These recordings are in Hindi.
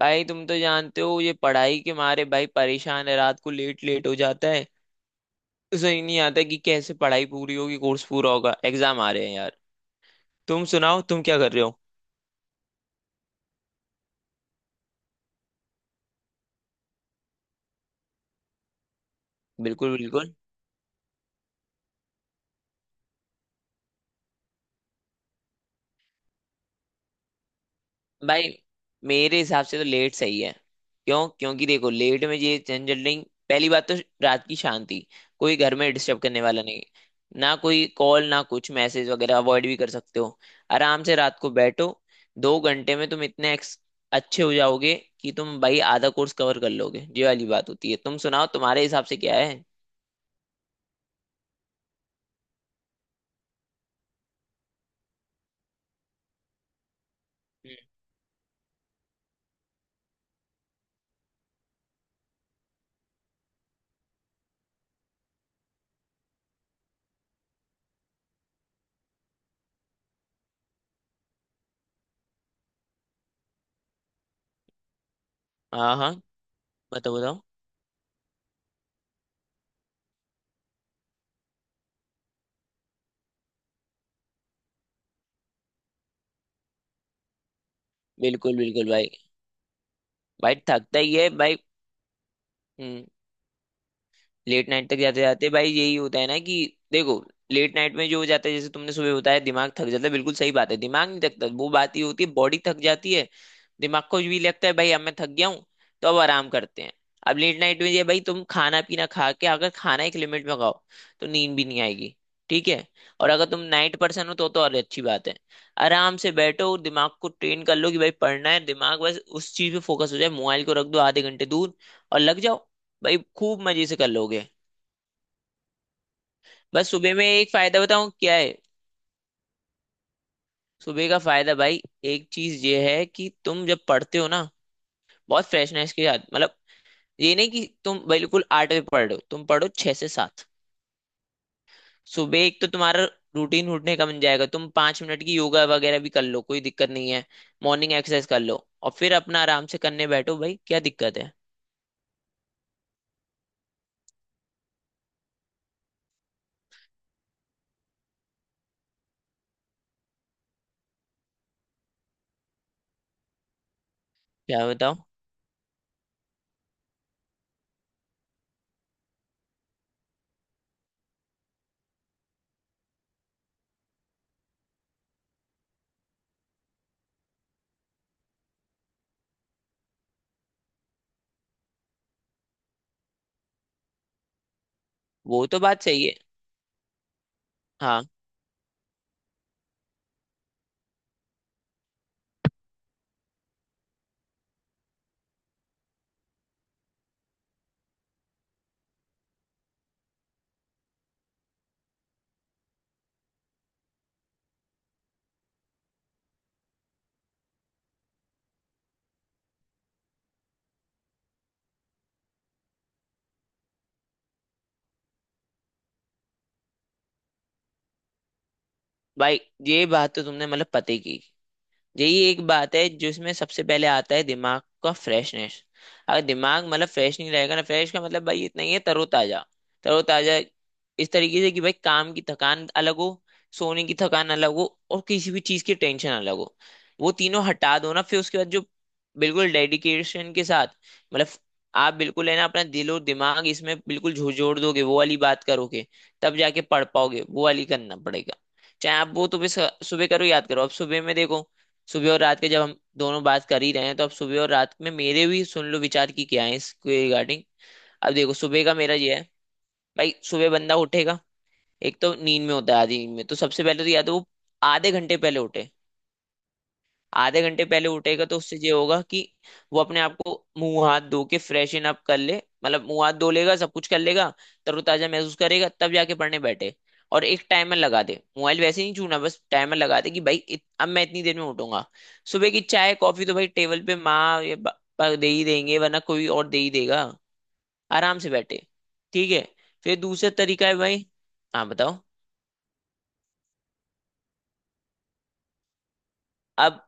भाई, तुम तो जानते हो ये पढ़ाई के मारे भाई परेशान है। रात को लेट लेट हो जाता है। समझ नहीं आता कि कैसे पढ़ाई पूरी होगी, कोर्स पूरा होगा, एग्जाम आ रहे हैं यार। तुम सुनाओ, तुम क्या कर रहे हो। बिल्कुल बिल्कुल। भाई, मेरे हिसाब से तो लेट सही है। क्यों? क्योंकि देखो लेट में ये झंझट नहीं। पहली बात तो रात की शांति, कोई घर में डिस्टर्ब करने वाला नहीं। ना कोई कॉल, ना कुछ मैसेज वगैरह अवॉइड भी कर सकते हो। आराम से रात को बैठो, 2 घंटे में तुम इतने अच्छे हो जाओगे कि तुम भाई आधा कोर्स कवर कर लोगे। ये वाली बात होती है। तुम सुनाओ, तुम्हारे हिसाब से क्या है। हम्म। हाँ हाँ, बताओ बताओ। बिल्कुल बिल्कुल भाई। भाई थकता ही है भाई। हम्म। लेट नाइट तक जाते जाते भाई यही होता है ना कि देखो लेट नाइट में जो हो जाता है, जैसे तुमने सुबह बताया दिमाग थक जाता है। बिल्कुल सही बात है। दिमाग नहीं थकता, वो बात ही होती है, बॉडी थक जाती है। दिमाग को भी लगता है भाई अब मैं थक गया हूँ, तो अब आराम करते हैं। अब लेट नाइट में ये भाई तुम खाना पीना खा के, अगर खाना एक लिमिट में खाओ तो नींद भी नहीं आएगी। ठीक है। और अगर तुम नाइट पर्सन हो तो और अच्छी बात है। आराम से बैठो और दिमाग को ट्रेन कर लो कि भाई पढ़ना है, दिमाग बस उस चीज पे फोकस हो जाए, मोबाइल को रख दो आधे घंटे दूर और लग जाओ। भाई खूब मजे से कर लोगे। बस सुबह में एक फायदा बताऊं क्या है। सुबह का फायदा भाई, एक चीज ये है कि तुम जब पढ़ते हो ना, बहुत फ्रेशनेस के साथ, मतलब ये नहीं कि तुम बिल्कुल 8 बजे पढ़ रहे हो, तुम पढ़ो 6 से 7। सुबह एक तो तुम्हारा रूटीन उठने का बन जाएगा, तुम 5 मिनट की योगा वगैरह भी कर लो, कोई दिक्कत नहीं है। मॉर्निंग एक्सरसाइज कर लो और फिर अपना आराम से करने बैठो, भाई क्या दिक्कत है। क्या बताओ। वो तो बात सही है। हाँ। भाई ये बात तो तुमने मतलब पते की। यही एक बात है जिसमें सबसे पहले आता है दिमाग का फ्रेशनेस। अगर दिमाग मतलब फ्रेश नहीं रहेगा ना, फ्रेश का मतलब भाई इतना ही है, तरोताजा। तरोताजा इस तरीके से कि भाई काम की थकान अलग हो, सोने की थकान अलग हो, और किसी भी चीज की टेंशन अलग हो। वो तीनों हटा दो ना, फिर उसके बाद जो बिल्कुल डेडिकेशन के साथ, मतलब आप बिल्कुल है ना, अपना दिल और दिमाग इसमें बिल्कुल झोड़ दोगे, वो वाली बात करोगे, तब जाके पढ़ पाओगे। वो वाली करना पड़ेगा। चाहे आप वो तो भी सुबह करो, याद करो। अब सुबह में देखो, सुबह और रात के जब हम दोनों बात कर ही रहे हैं, तो अब सुबह और रात में मेरे भी सुन लो विचार की क्या है इसके रिगार्डिंग। अब देखो सुबह का मेरा ये है, भाई सुबह बंदा उठेगा, एक तो नींद में होता है, आधी नींद में। तो सबसे पहले तो या तो वो आधे घंटे पहले उठे। आधे घंटे पहले उठेगा तो उससे ये होगा कि वो अपने आप को मुंह हाथ धो के फ्रेशन अप कर ले, मतलब मुंह हाथ धो लेगा, सब कुछ कर लेगा, तरोताजा महसूस करेगा, तब जाके पढ़ने बैठे। और एक टाइमर लगा दे, मोबाइल वैसे नहीं छूना, बस टाइमर लगा दे कि भाई अब मैं इतनी देर में उठूंगा। सुबह की चाय कॉफी तो भाई टेबल पे माँ या पापा दे ही देंगे, वरना कोई और दे ही देगा। आराम से बैठे। ठीक है। फिर दूसरा तरीका है भाई। हाँ बताओ। अब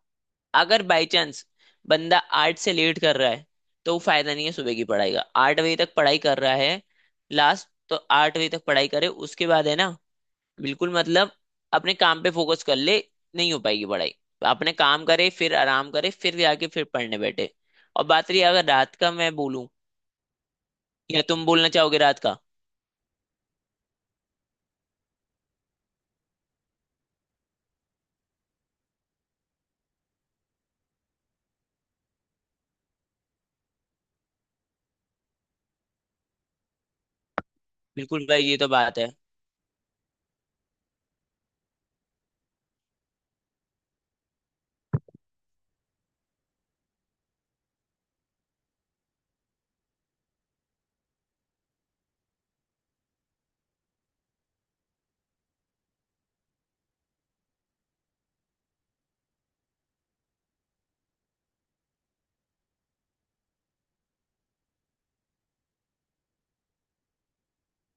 अगर बाई चांस बंदा 8 से लेट कर रहा है, तो वो फायदा नहीं है सुबह की पढ़ाई का। आठ बजे तक पढ़ाई कर रहा है, लास्ट तो 8 बजे तक पढ़ाई करे, उसके बाद है ना बिल्कुल मतलब अपने काम पे फोकस कर ले, नहीं हो पाएगी पढ़ाई। अपने काम करे, फिर आराम करे, फिर जाके फिर पढ़ने बैठे। और बात रही अगर रात का मैं बोलूं, या तुम बोलना चाहोगे रात का। बिल्कुल भाई ये तो बात है।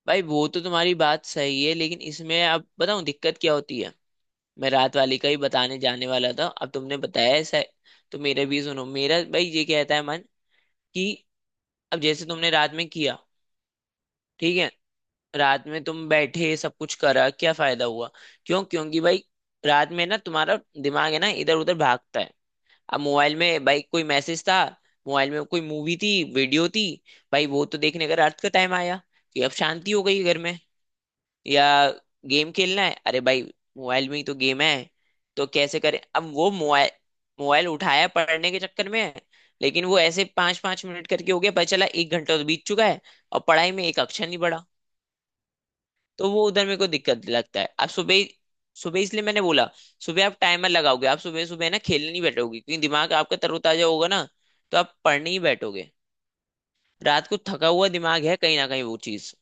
भाई वो तो तुम्हारी बात सही है, लेकिन इसमें अब बताऊं दिक्कत क्या होती है। मैं रात वाली का ही बताने जाने वाला था, अब तुमने बताया ऐसा है, तो मेरे भी सुनो, मेरा भाई ये कहता है मन कि अब जैसे तुमने रात में किया। ठीक है। रात में तुम बैठे, सब कुछ करा, क्या फायदा हुआ। क्यों? क्योंकि भाई रात में ना तुम्हारा दिमाग है ना इधर उधर भागता है। अब मोबाइल में भाई कोई मैसेज था, मोबाइल में कोई मूवी थी, वीडियो थी, भाई वो तो देखने का रात का टाइम आया कि अब शांति हो गई घर में। या गेम खेलना है, अरे भाई मोबाइल में ही तो गेम है। तो कैसे करें अब वो मोबाइल मोबाइल उठाया पढ़ने के चक्कर में है, लेकिन वो ऐसे 5-5 मिनट करके हो गया, पता चला 1 घंटा तो बीत चुका है, और पढ़ाई में एक अक्षर नहीं पढ़ा। तो वो उधर मेरे को दिक्कत लगता है। अब सुबह, सुबह इसलिए मैंने बोला, सुबह आप टाइमर लगाओगे, आप सुबह सुबह ना खेलने नहीं बैठोगे, क्योंकि दिमाग आपका तरोताजा होगा ना, तो आप पढ़ने ही बैठोगे। रात को थका हुआ दिमाग है, कहीं ना कहीं वो चीज।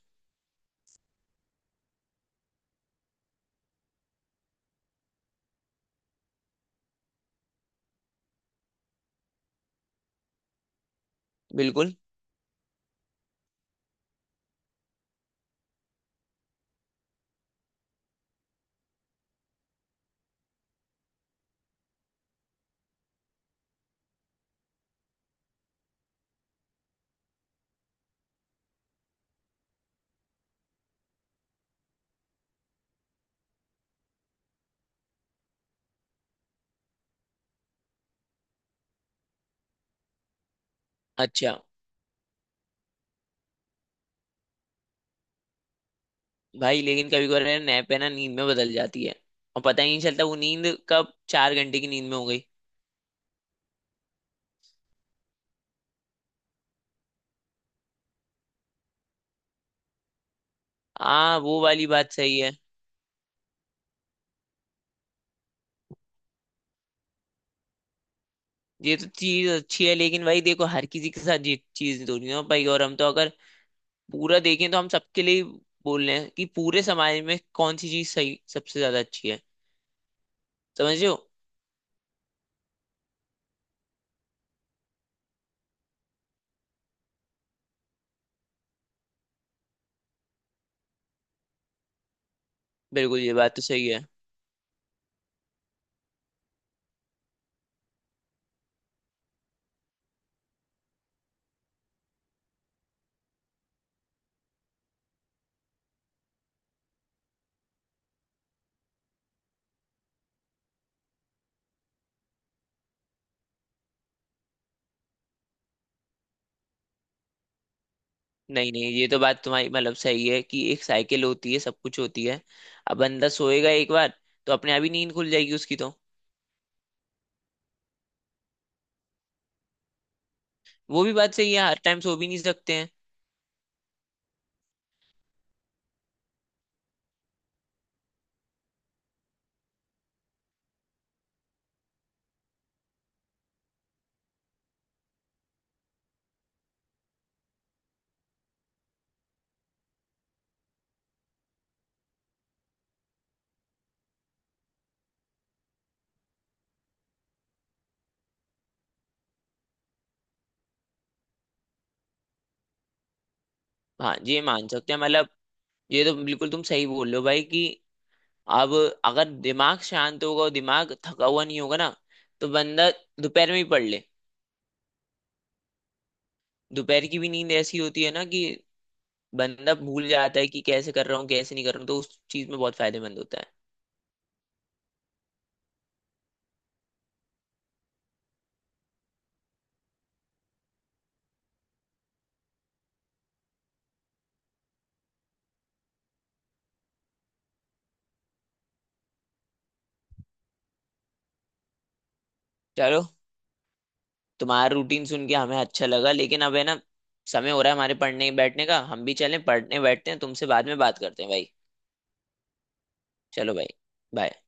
बिल्कुल। अच्छा। भाई लेकिन कभी कभार नैप है ना नींद में बदल जाती है, और पता ही नहीं चलता वो नींद कब 4 घंटे की नींद में हो गई। हाँ वो वाली बात सही है। ये तो चीज अच्छी है, लेकिन भाई देखो हर किसी के साथ ये चीज तो नहीं हो पाई, और हम तो अगर पूरा देखें तो हम सबके लिए बोल रहे हैं कि पूरे समाज में कौन सी चीज सही, सबसे ज्यादा अच्छी है। समझ रहे हो। बिल्कुल ये बात तो सही है। नहीं नहीं, ये तो बात तुम्हारी मतलब सही है कि एक साइकिल होती है, सब कुछ होती है। अब बंदा सोएगा एक बार तो अपने आप ही नींद खुल जाएगी उसकी तो। वो भी बात सही है, हर टाइम सो भी नहीं सकते हैं। हाँ ये मान सकते हैं, मतलब ये तो बिल्कुल तुम सही बोल रहे हो भाई कि अब अगर दिमाग शांत होगा और दिमाग थका हुआ नहीं होगा ना, तो बंदा दोपहर में ही पढ़ ले। दोपहर की भी नींद ऐसी होती है ना कि बंदा भूल जाता है कि कैसे कर रहा हूँ, कैसे नहीं कर रहा हूँ, तो उस चीज में बहुत फायदेमंद होता है। चलो, तुम्हारा रूटीन सुन के हमें अच्छा लगा, लेकिन अब है ना समय हो रहा है हमारे पढ़ने बैठने का, हम भी चलें पढ़ने बैठते हैं, तुमसे बाद में बात करते हैं भाई। चलो भाई। बाय।